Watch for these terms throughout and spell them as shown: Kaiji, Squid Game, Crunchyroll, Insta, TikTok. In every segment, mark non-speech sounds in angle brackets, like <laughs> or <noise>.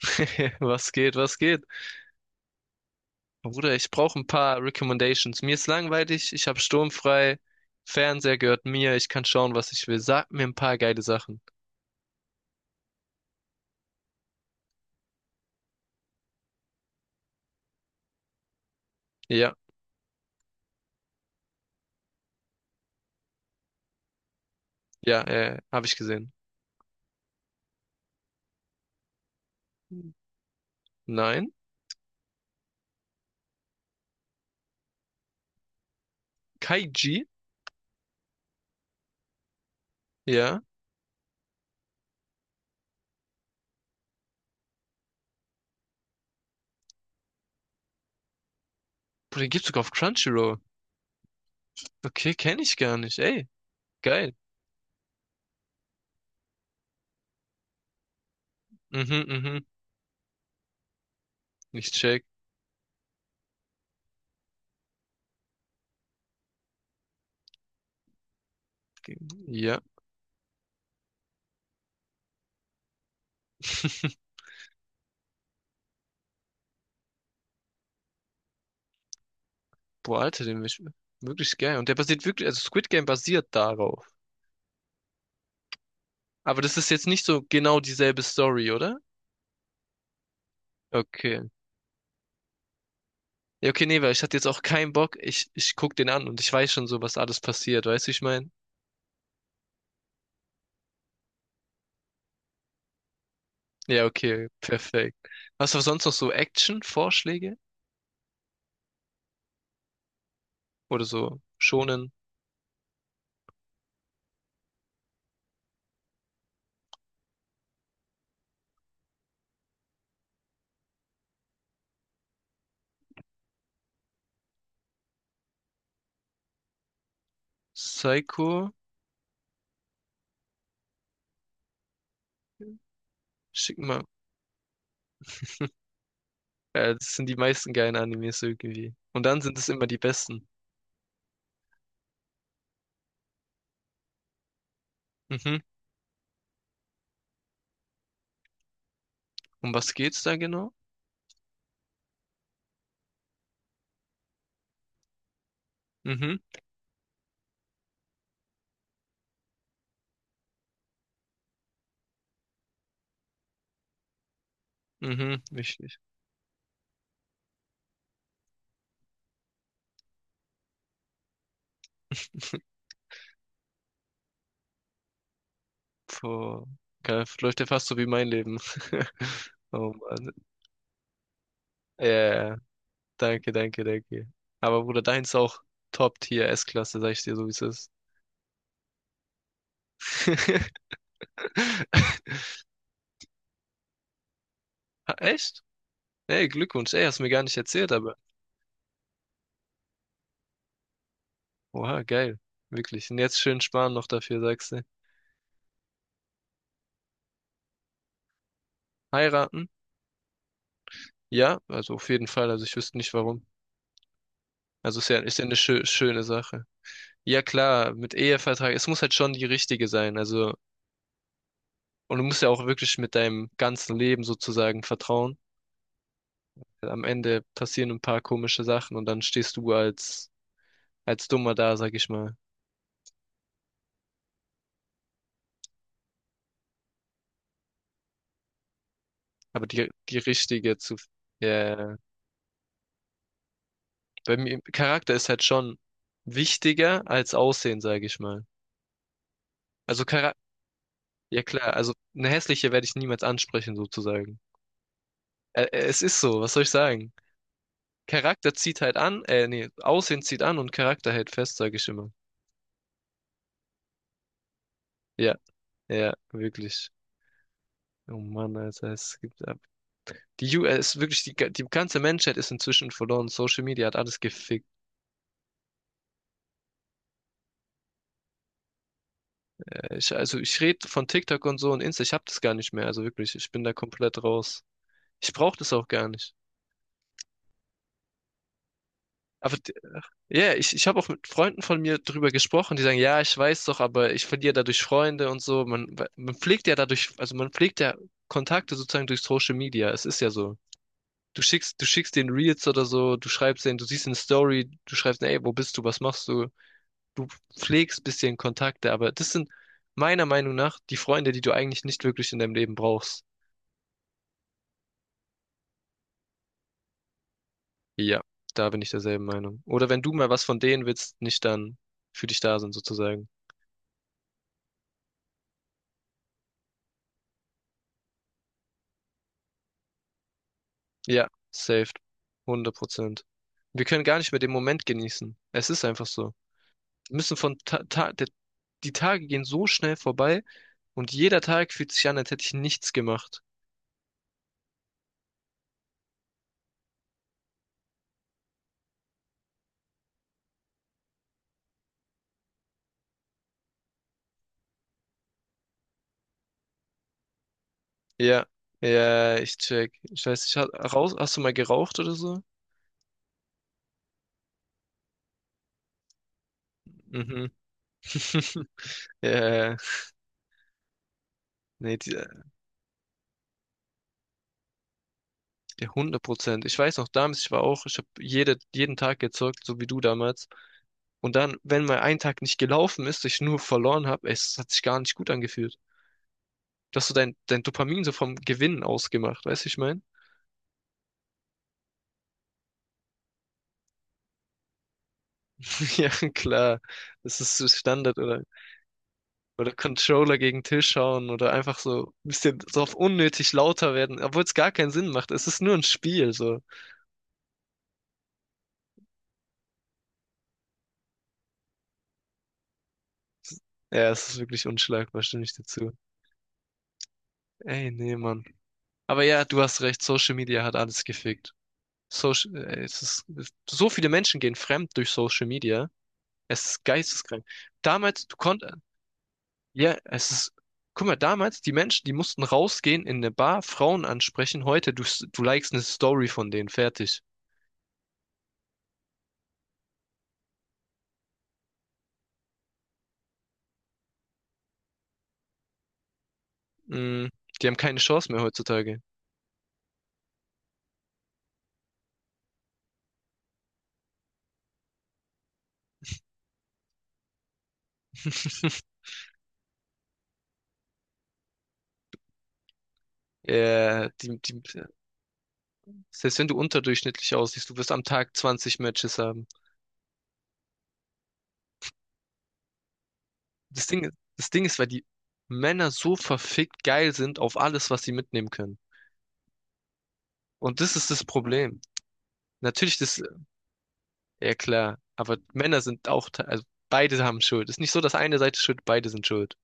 <laughs> Was geht, was geht? Bruder, ich brauche ein paar Recommendations. Mir ist langweilig, ich habe sturmfrei, Fernseher gehört mir, ich kann schauen, was ich will. Sag mir ein paar geile Sachen. Ja, ja, habe ich gesehen. Nein? Kaiji? Ja. Bruder, den gibt's sogar auf Crunchyroll. Okay, kenne ich gar nicht. Ey, geil. Mhm, mhm. Ich check. Ja. <laughs> Boah, Alter, den ist wirklich geil. Und der basiert wirklich, also Squid Game basiert darauf. Aber das ist jetzt nicht so genau dieselbe Story, oder? Okay. Ja, okay, nee, weil ich hatte jetzt auch keinen Bock. Ich guck den an und ich weiß schon so, was alles passiert. Weißt du, wie ich meine? Ja, okay, perfekt. Hast du sonst noch so Action-Vorschläge? Oder so Shonen Psycho? Schick mal. Das sind die meisten geilen Animes irgendwie. Und dann sind es immer die besten. Mhm. Um was geht's da genau? Mhm. Mhm. Wichtig. Boah. Geil, <laughs> läuft ja fast so wie mein Leben. <laughs> Oh Mann. Ja, ja. Danke, danke, danke. Aber Bruder, deins ist auch Top-Tier S-Klasse, sag ich dir so, wie es ist. <laughs> Ah, echt? Ey, Glückwunsch. Ey, hast mir gar nicht erzählt, aber. Oha, geil. Wirklich. Und jetzt schön sparen noch dafür, sagst du. Heiraten? Ja, also auf jeden Fall. Also ich wüsste nicht warum. Also ist ja eine schöne Sache. Ja, klar, mit Ehevertrag. Es muss halt schon die richtige sein. Also, und du musst ja auch wirklich mit deinem ganzen Leben sozusagen vertrauen. Am Ende passieren ein paar komische Sachen und dann stehst du als Dummer da, sag ich mal. Aber ja, bei mir, Charakter ist halt schon wichtiger als Aussehen, sage ich mal. Also Charakter, ja klar, also eine hässliche werde ich niemals ansprechen, sozusagen. Ä Es ist so, was soll ich sagen? Charakter zieht halt an, nee, Aussehen zieht an und Charakter hält fest, sage ich immer. Ja, ja, wirklich. Oh Mann, Alter, es gibt ab. Es ist wirklich, die ganze Menschheit ist inzwischen verloren. Social Media hat alles gefickt. Ich rede von TikTok und so und Insta, ich hab das gar nicht mehr. Also wirklich, ich bin da komplett raus. Ich brauche das auch gar nicht. Aber d- ich habe auch mit Freunden von mir drüber gesprochen, die sagen, ja, ich weiß doch, aber ich verliere dadurch Freunde und so. Man pflegt ja dadurch, also man pflegt ja Kontakte sozusagen durch Social Media. Es ist ja so. Du schickst den Reels oder so, du schreibst denen, du siehst eine Story, du schreibst, ey, wo bist du, was machst du? Du pflegst bisschen Kontakte, aber das sind meiner Meinung nach die Freunde, die du eigentlich nicht wirklich in deinem Leben brauchst. Ja, da bin ich derselben Meinung. Oder wenn du mal was von denen willst, nicht dann für dich da sind sozusagen. Ja, saved. 100%. Wir können gar nicht mehr den Moment genießen. Es ist einfach so. Wir müssen von Ta Ta der, die Tage gehen so schnell vorbei und jeder Tag fühlt sich an, als hätte ich nichts gemacht. Ja, ja, ich check. Ich weiß nicht, hast du mal geraucht oder so? Mhm. <laughs> Ja, nee, die, äh, ja, 100%. Ich weiß noch, damals, ich habe jeden Tag gezockt, so wie du damals. Und dann, wenn mal ein Tag nicht gelaufen ist, ich nur verloren habe, es hat sich gar nicht gut angefühlt. Du hast so dein Dopamin so vom Gewinnen ausgemacht, weißt du, ich mein? <laughs> Ja, klar. Das ist so Standard oder Controller gegen Tisch hauen oder einfach so ein bisschen so auf unnötig lauter werden, obwohl es gar keinen Sinn macht. Es ist nur ein Spiel, so. Ja, es ist wirklich unschlagbar, stimme ich dir zu. Ey, nee, Mann. Aber ja, du hast recht, Social Media hat alles gefickt. Es ist, es, so viele Menschen gehen fremd durch Social Media. Es ist geisteskrank. Damals, du konntest, ja, es ist, guck mal, damals, die Menschen, die mussten rausgehen in eine Bar, Frauen ansprechen. Heute, du likest eine Story von denen, fertig. Mm, die haben keine Chance mehr heutzutage. <laughs> Ja, selbst wenn du unterdurchschnittlich aussiehst, du wirst am Tag 20 Matches haben. Das Ding, das Ding ist, weil die Männer so verfickt geil sind auf alles, was sie mitnehmen können. Und das ist das Problem. Natürlich, das. Ja, klar. Aber Männer sind auch, also beide haben Schuld. Ist nicht so, dass eine Seite schuld, beide sind schuld.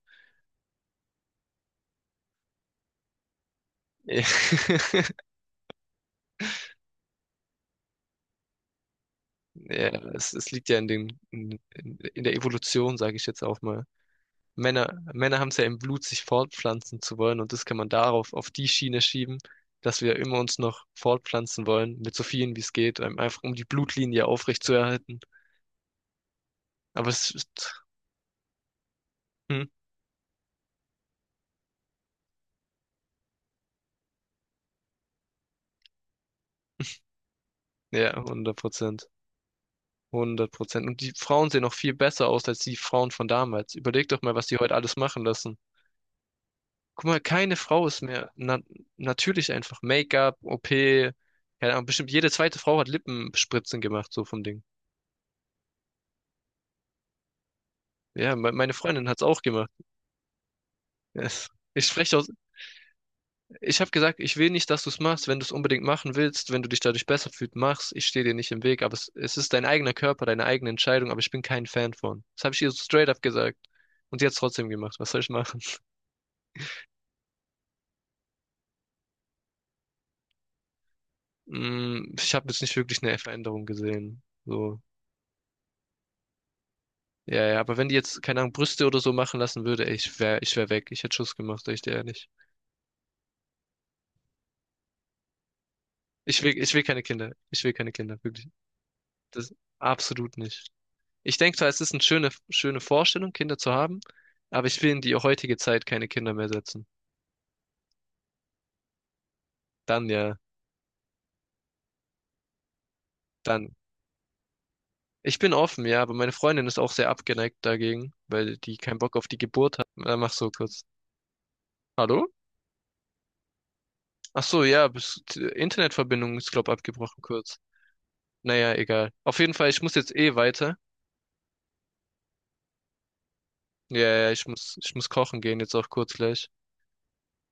Ja, <laughs> ja, es liegt ja in den, in der Evolution, sage ich jetzt auch mal. Männer haben es ja im Blut, sich fortpflanzen zu wollen und das kann man darauf, auf die Schiene schieben, dass wir immer uns noch fortpflanzen wollen, mit so vielen wie es geht, einfach um die Blutlinie aufrechtzuerhalten. Aber es ist, hm, ja, 100%. 100%. Und die Frauen sehen noch viel besser aus als die Frauen von damals. Überleg doch mal, was die heute alles machen lassen. Guck mal, keine Frau ist mehr natürlich. Einfach Make-up, OP, keine Ahnung, bestimmt jede zweite Frau hat Lippenspritzen gemacht, so vom Ding. Ja, me meine Freundin hat's auch gemacht. Es- ich spreche aus, ich habe gesagt, ich will nicht, dass du's machst. Wenn du's unbedingt machen willst, wenn du dich dadurch besser fühlst, mach's. Ich stehe dir nicht im Weg, aber es ist dein eigener Körper, deine eigene Entscheidung, aber ich bin kein Fan von. Das habe ich ihr so straight up gesagt. Und sie hat's trotzdem gemacht. Was soll ich machen? Mm, ich habe jetzt nicht wirklich eine Veränderung gesehen. So. Ja, ja, aber wenn die jetzt, keine Ahnung, Brüste oder so machen lassen würde, ey, ich wär weg. Ich hätte Schluss gemacht, sag ich dir ehrlich. Ich will keine Kinder. Ich will keine Kinder, wirklich. Das absolut nicht. Ich denke zwar, es ist eine schöne Vorstellung, Kinder zu haben, aber ich will in die heutige Zeit keine Kinder mehr setzen. Dann ja, dann. Ich bin offen, ja, aber meine Freundin ist auch sehr abgeneigt dagegen, weil die keinen Bock auf die Geburt hat. Dann mach so kurz. Hallo? Ach so, ja, bis, Internetverbindung ist, glaube abgebrochen kurz. Naja, egal. Auf jeden Fall, ich muss jetzt eh weiter. Ja, ja, ich muss kochen gehen, jetzt auch kurz gleich.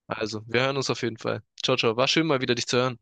Also, wir hören uns auf jeden Fall. Ciao, ciao. War schön mal wieder dich zu hören.